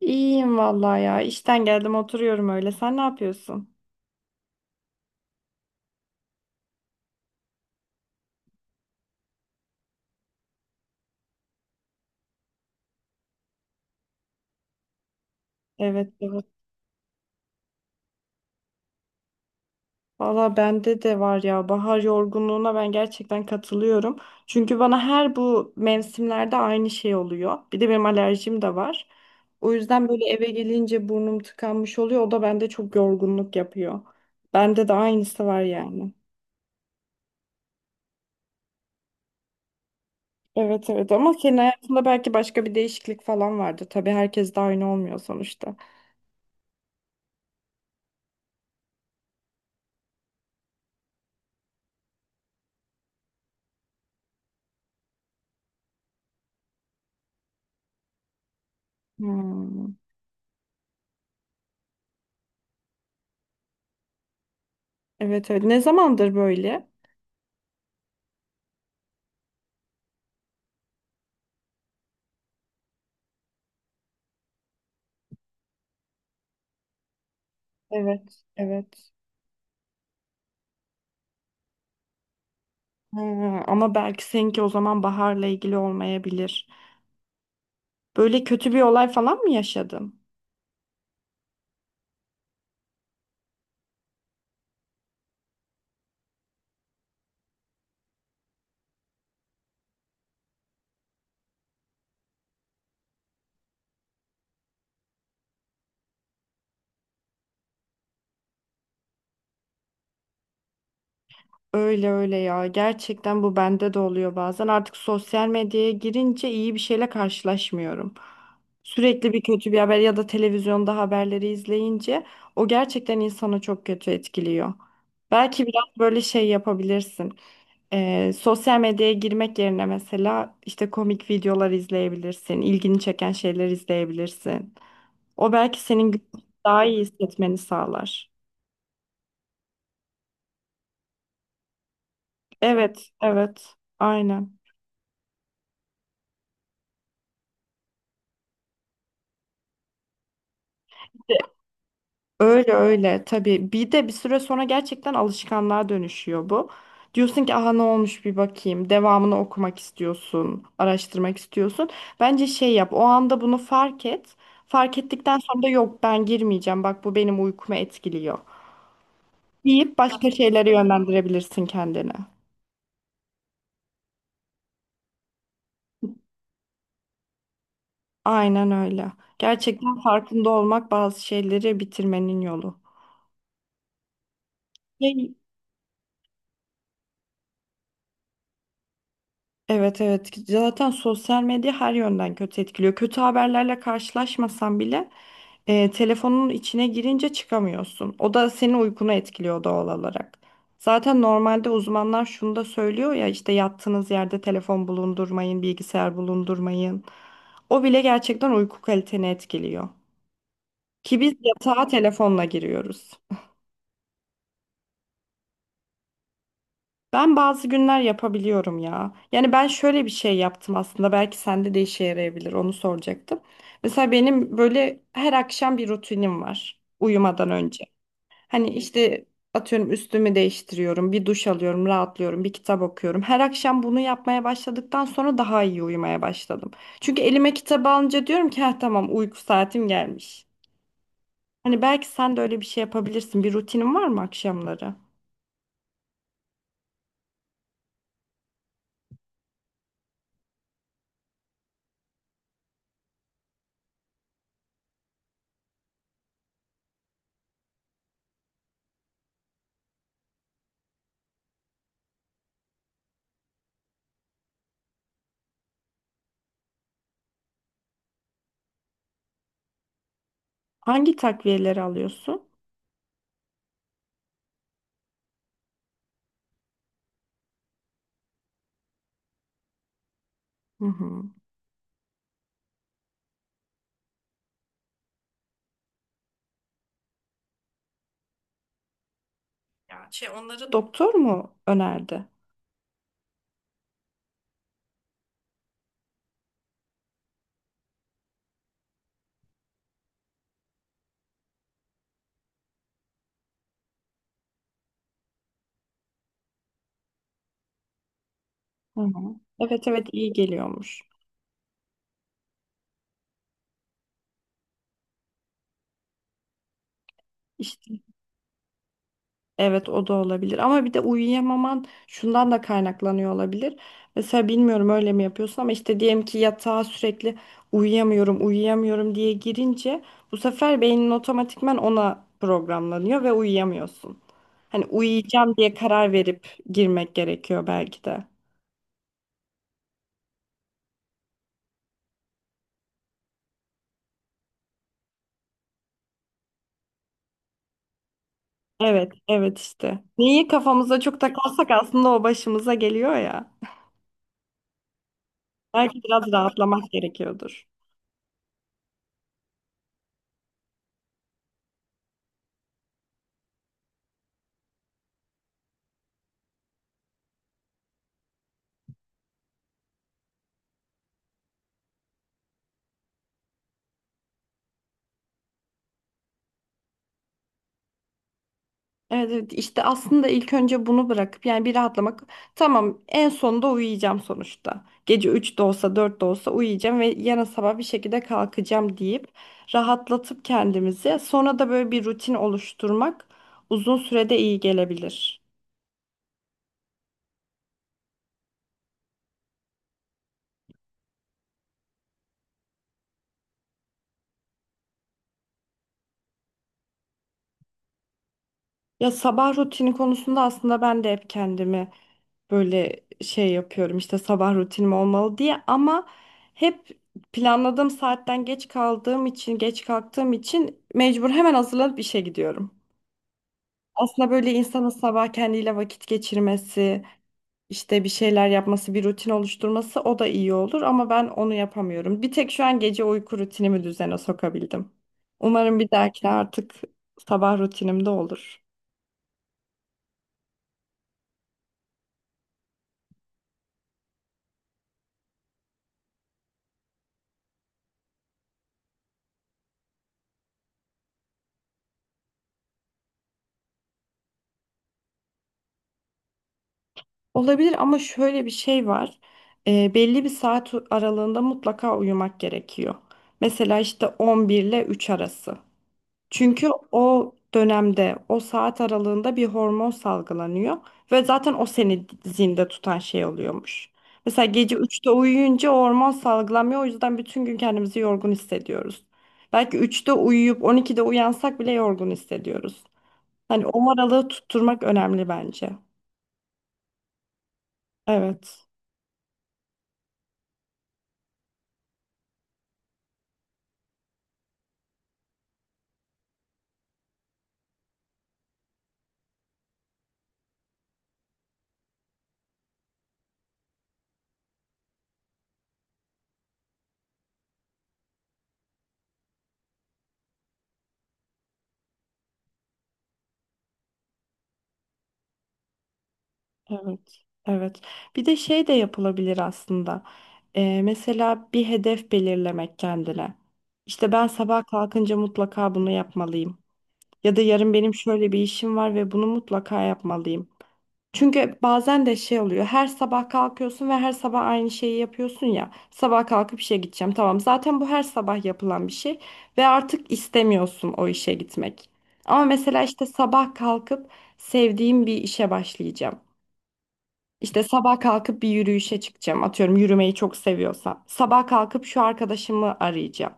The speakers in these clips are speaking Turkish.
İyiyim vallahi ya. İşten geldim oturuyorum öyle. Sen ne yapıyorsun? Evet evet. Valla bende de var ya. Bahar yorgunluğuna ben gerçekten katılıyorum. Çünkü bana her bu mevsimlerde aynı şey oluyor. Bir de benim alerjim de var. O yüzden böyle eve gelince burnum tıkanmış oluyor. O da bende çok yorgunluk yapıyor. Bende de aynısı var yani. Evet evet ama senin hayatında belki başka bir değişiklik falan vardır. Tabii herkes de aynı olmuyor sonuçta. Hmm. Evet evet. Ne zamandır böyle? Evet, evet. Ha, ama belki seninki o zaman baharla ilgili olmayabilir. Böyle kötü bir olay falan mı yaşadın? Öyle öyle ya. Gerçekten bu bende de oluyor bazen. Artık sosyal medyaya girince iyi bir şeyle karşılaşmıyorum. Sürekli bir kötü bir haber ya da televizyonda haberleri izleyince o gerçekten insanı çok kötü etkiliyor. Belki biraz böyle şey yapabilirsin. Sosyal medyaya girmek yerine mesela işte komik videolar izleyebilirsin, ilgini çeken şeyler izleyebilirsin. O belki senin daha iyi hissetmeni sağlar. Evet, evet, aynen. Öyle öyle tabii. Bir de bir süre sonra gerçekten alışkanlığa dönüşüyor bu. Diyorsun ki aha ne olmuş bir bakayım. Devamını okumak istiyorsun, araştırmak istiyorsun. Bence şey yap. O anda bunu fark et. Fark ettikten sonra da yok ben girmeyeceğim. Bak bu benim uykumu etkiliyor. Deyip başka şeylere yönlendirebilirsin kendini. Aynen öyle. Gerçekten farkında olmak bazı şeyleri bitirmenin yolu. Evet evet zaten sosyal medya her yönden kötü etkiliyor. Kötü haberlerle karşılaşmasan bile telefonun içine girince çıkamıyorsun. O da senin uykunu etkiliyor doğal olarak. Zaten normalde uzmanlar şunu da söylüyor ya işte yattığınız yerde telefon bulundurmayın, bilgisayar bulundurmayın. O bile gerçekten uyku kaliteni etkiliyor. Ki biz yatağa telefonla giriyoruz. Ben bazı günler yapabiliyorum ya. Yani ben şöyle bir şey yaptım aslında. Belki sende de işe yarayabilir. Onu soracaktım. Mesela benim böyle her akşam bir rutinim var uyumadan önce. Hani işte atıyorum üstümü değiştiriyorum, bir duş alıyorum, rahatlıyorum, bir kitap okuyorum. Her akşam bunu yapmaya başladıktan sonra daha iyi uyumaya başladım. Çünkü elime kitabı alınca diyorum ki ha tamam uyku saatim gelmiş. Hani belki sen de öyle bir şey yapabilirsin. Bir rutinin var mı akşamları? Hangi takviyeleri alıyorsun? Hı hı. Ya şey onları doktor mu önerdi? Hı hı. Evet evet iyi geliyormuş. İşte evet o da olabilir ama bir de uyuyamaman şundan da kaynaklanıyor olabilir. Mesela bilmiyorum öyle mi yapıyorsun ama işte diyelim ki yatağa sürekli uyuyamıyorum diye girince bu sefer beynin otomatikman ona programlanıyor ve uyuyamıyorsun. Hani uyuyacağım diye karar verip girmek gerekiyor belki de. Evet, evet işte. Neyi kafamıza çok takarsak aslında o başımıza geliyor ya. Belki biraz rahatlamak gerekiyordur. Evet, evet işte aslında ilk önce bunu bırakıp yani bir rahatlamak. Tamam en sonunda uyuyacağım sonuçta. Gece 3 de olsa 4 de olsa uyuyacağım ve yarın sabah bir şekilde kalkacağım deyip rahatlatıp kendimizi sonra da böyle bir rutin oluşturmak uzun sürede iyi gelebilir. Ya sabah rutini konusunda aslında ben de hep kendimi böyle şey yapıyorum işte sabah rutinim olmalı diye ama hep planladığım saatten geç kaldığım için geç kalktığım için mecbur hemen hazırlanıp işe gidiyorum. Aslında böyle insanın sabah kendiyle vakit geçirmesi, işte bir şeyler yapması, bir rutin oluşturması o da iyi olur ama ben onu yapamıyorum. Bir tek şu an gece uyku rutinimi düzene sokabildim. Umarım bir dahakine artık sabah rutinimde olur. Olabilir ama şöyle bir şey var. Belli bir saat aralığında mutlaka uyumak gerekiyor. Mesela işte 11 ile 3 arası. Çünkü o dönemde, o saat aralığında bir hormon salgılanıyor ve zaten o seni zinde tutan şey oluyormuş. Mesela gece üçte uyuyunca o hormon salgılanmıyor. O yüzden bütün gün kendimizi yorgun hissediyoruz. Belki üçte uyuyup 12'de uyansak bile yorgun hissediyoruz. Hani o aralığı tutturmak önemli bence. Evet. Evet, evet. Bir de şey de yapılabilir aslında. Mesela bir hedef belirlemek kendine. İşte ben sabah kalkınca mutlaka bunu yapmalıyım. Ya da yarın benim şöyle bir işim var ve bunu mutlaka yapmalıyım. Çünkü bazen de şey oluyor. Her sabah kalkıyorsun ve her sabah aynı şeyi yapıyorsun ya. Sabah kalkıp işe gideceğim. Tamam, zaten bu her sabah yapılan bir şey ve artık istemiyorsun o işe gitmek. Ama mesela işte sabah kalkıp sevdiğim bir işe başlayacağım. İşte sabah kalkıp bir yürüyüşe çıkacağım. Atıyorum yürümeyi çok seviyorsam. Sabah kalkıp şu arkadaşımı arayacağım.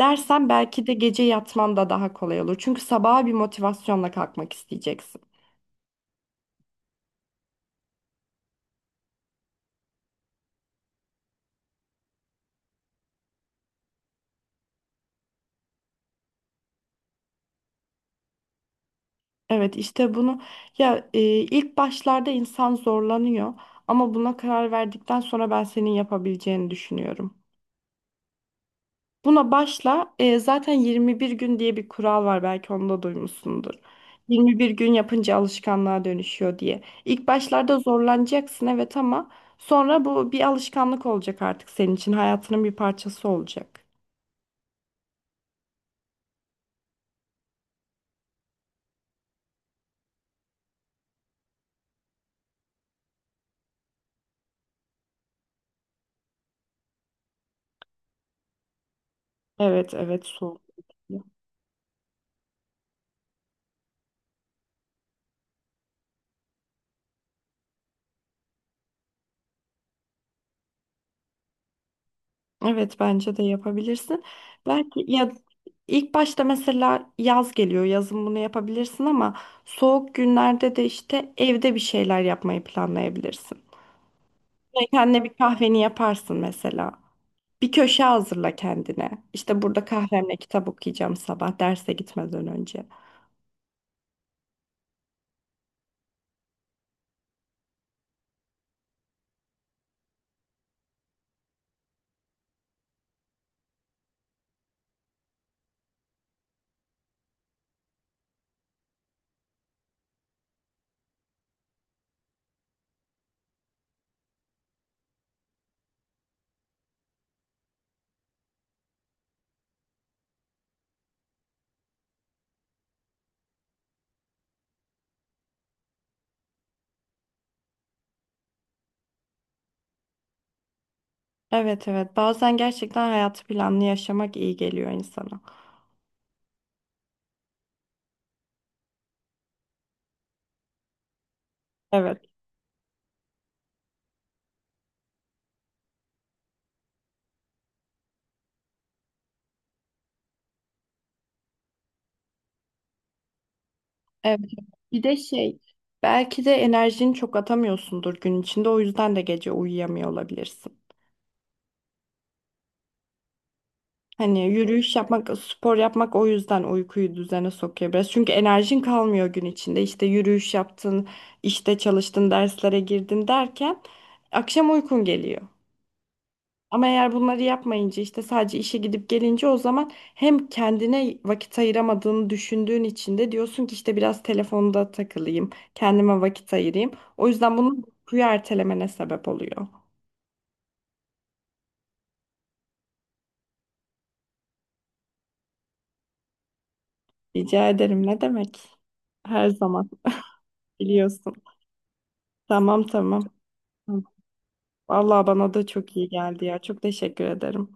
Dersen belki de gece yatman da daha kolay olur. Çünkü sabaha bir motivasyonla kalkmak isteyeceksin. Evet işte bunu ya ilk başlarda insan zorlanıyor ama buna karar verdikten sonra ben senin yapabileceğini düşünüyorum. Buna başla. Zaten 21 gün diye bir kural var belki onu da duymuşsundur. 21 gün yapınca alışkanlığa dönüşüyor diye. İlk başlarda zorlanacaksın evet ama sonra bu bir alışkanlık olacak artık senin için. Hayatının bir parçası olacak. Evet evet soğuk. Evet bence de yapabilirsin. Belki ya ilk başta mesela yaz geliyor. Yazın bunu yapabilirsin ama soğuk günlerde de işte evde bir şeyler yapmayı planlayabilirsin. Kendine bir kahveni yaparsın mesela. Bir köşe hazırla kendine. İşte burada kahvemle kitap okuyacağım sabah derse gitmeden önce. Evet evet bazen gerçekten hayatı planlı yaşamak iyi geliyor insana. Evet. Evet. Bir de şey belki de enerjini çok atamıyorsundur gün içinde o yüzden de gece uyuyamıyor olabilirsin. Hani yürüyüş yapmak, spor yapmak o yüzden uykuyu düzene sokuyor biraz. Çünkü enerjin kalmıyor gün içinde. İşte yürüyüş yaptın, işte çalıştın, derslere girdin derken akşam uykun geliyor. Ama eğer bunları yapmayınca işte sadece işe gidip gelince o zaman hem kendine vakit ayıramadığını düşündüğün için de diyorsun ki işte biraz telefonda takılayım, kendime vakit ayırayım. O yüzden bunun uykuyu ertelemene sebep oluyor. Rica ederim ne demek? Her zaman biliyorsun. Tamam tamam. Vallahi bana da çok iyi geldi ya. Çok teşekkür ederim.